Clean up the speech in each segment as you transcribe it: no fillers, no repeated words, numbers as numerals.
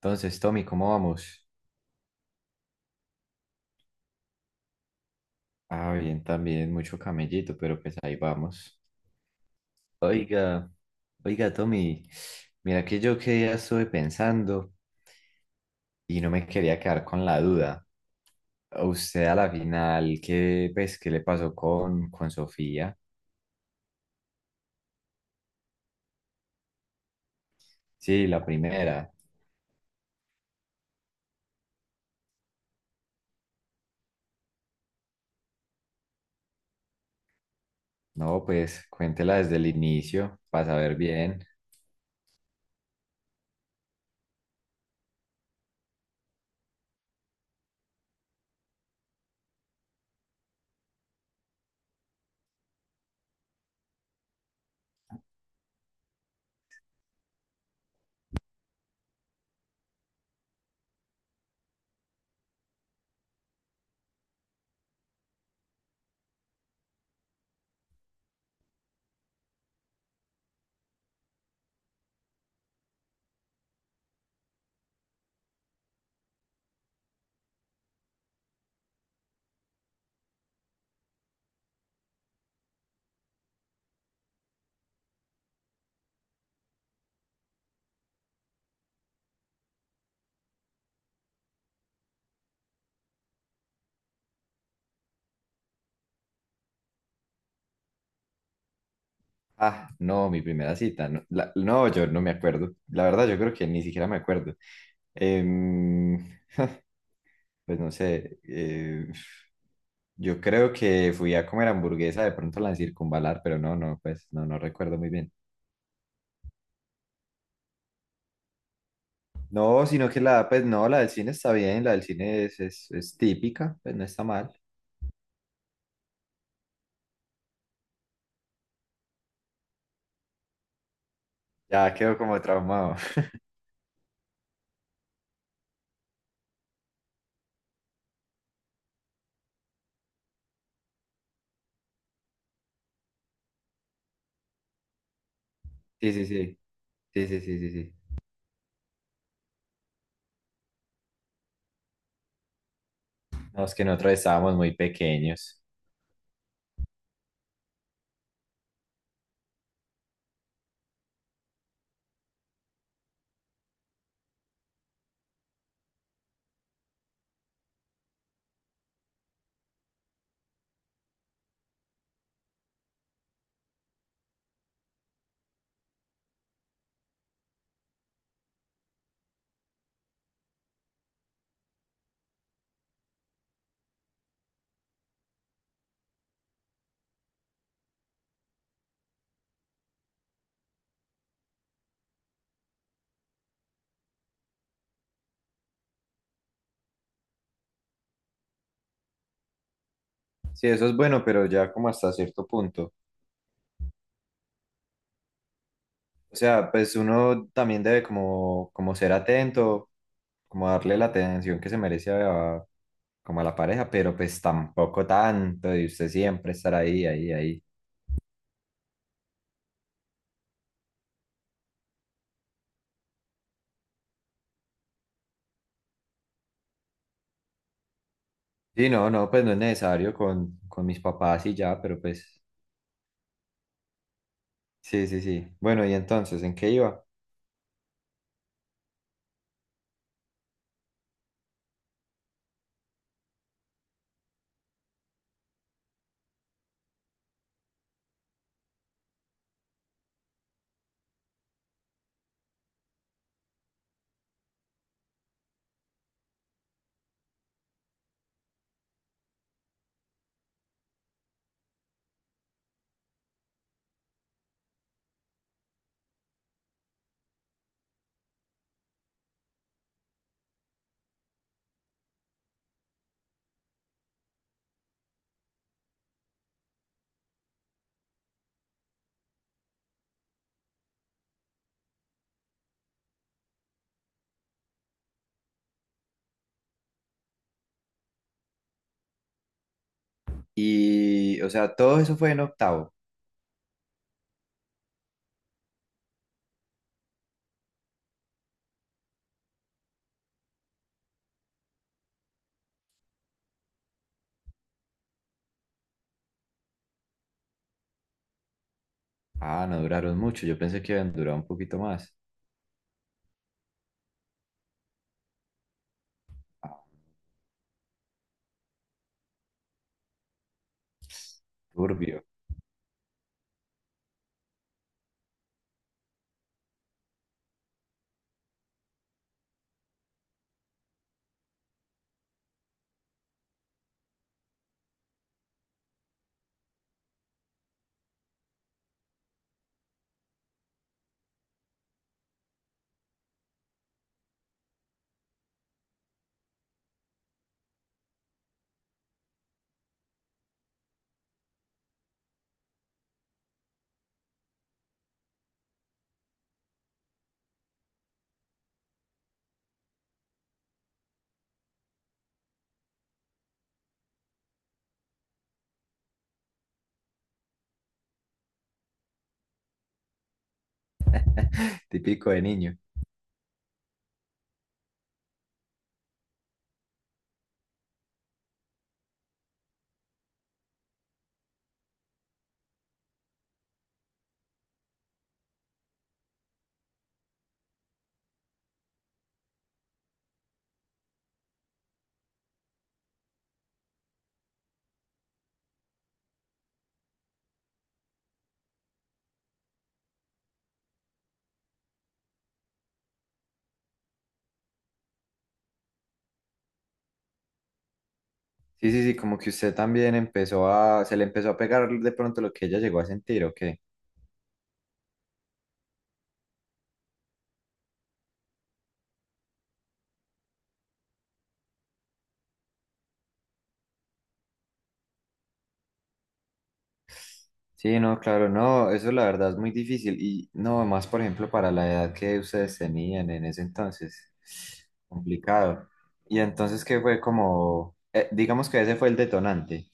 Entonces, Tommy, ¿cómo vamos? Ah, bien, también, mucho camellito, pero pues ahí vamos. Oiga, oiga, Tommy, mira que yo que ya estuve pensando y no me quería quedar con la duda. ¿A usted a la final, qué, pues, qué le pasó con Sofía? Sí, la primera. No, pues cuéntela desde el inicio para saber bien. Ah, no, mi primera cita. No, no, yo no me acuerdo. La verdad, yo creo que ni siquiera me acuerdo. Em, Pues no sé, yo creo que fui a comer hamburguesa de pronto la circunvalar, pero pues no recuerdo muy bien. No, sino que la, pues no, la del cine está bien, la del cine es típica, pues no está mal. Ya quedó como traumado. Sí, sí, sí, sí, sí, sí, sí, sí. No, es que nosotros estábamos muy pequeños. Sí, eso es bueno, pero ya como hasta cierto punto. O sea, pues uno también debe como ser atento, como darle la atención que se merece a, como a la pareja, pero pues tampoco tanto, y usted siempre estar ahí. Sí, no, no, pues no es necesario con mis papás y ya, pero pues sí, sí, sí. Bueno, y entonces, ¿en qué iba? Y, o sea, todo eso fue en octavo. Ah, no duraron mucho, yo pensé que iban a durar un poquito más. Ah, turbio, típico de niño. Sí, sí, sí, como que usted también empezó a, se le empezó a pegar de pronto lo que ella llegó a sentir, ¿o qué? Sí, no, claro, no, eso la verdad es muy difícil y no, más por ejemplo para la edad que ustedes tenían en ese entonces, complicado. Y entonces, ¿qué fue como, digamos que ese fue el detonante,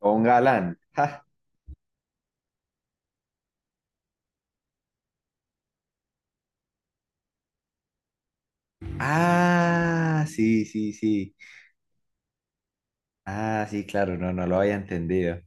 o un galán? ¡Ja! Ah, sí, sí, sí, ah, sí, claro, no, no lo había entendido.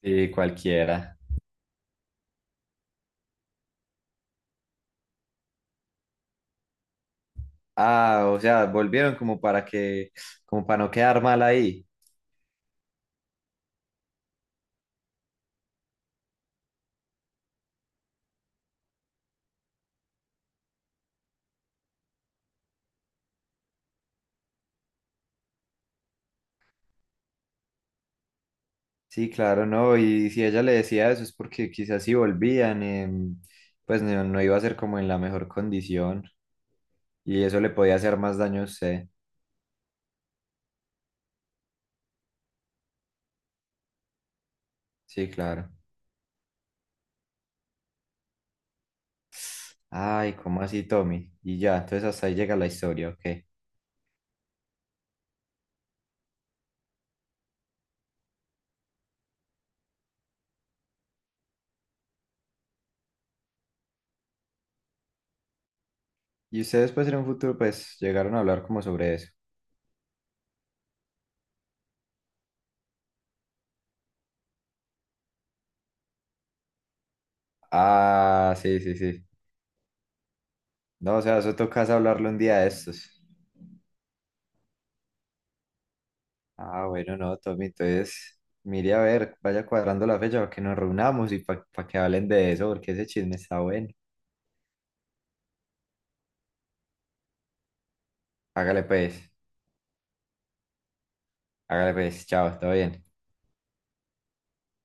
Sí, cualquiera. Ah, o sea, volvieron como para que, como para no quedar mal ahí. Sí, claro, no, y si ella le decía eso es porque quizás si volvían, em, pues no iba a ser como en la mejor condición y eso le podía hacer más daño a usted. Sí, claro. Ay, ¿cómo así, Tommy? Y ya, entonces hasta ahí llega la historia, ok. Y ustedes pues en un futuro pues llegaron a hablar como sobre eso. Ah, sí, sí, sí. No, o sea, eso tocas hablarlo un día de estos. Ah, bueno, no, Tommy, entonces mire a ver, vaya cuadrando la fecha para que nos reunamos y para que hablen de eso, porque ese chisme está bueno. Hágale pues, hágale pues, chao, está bien.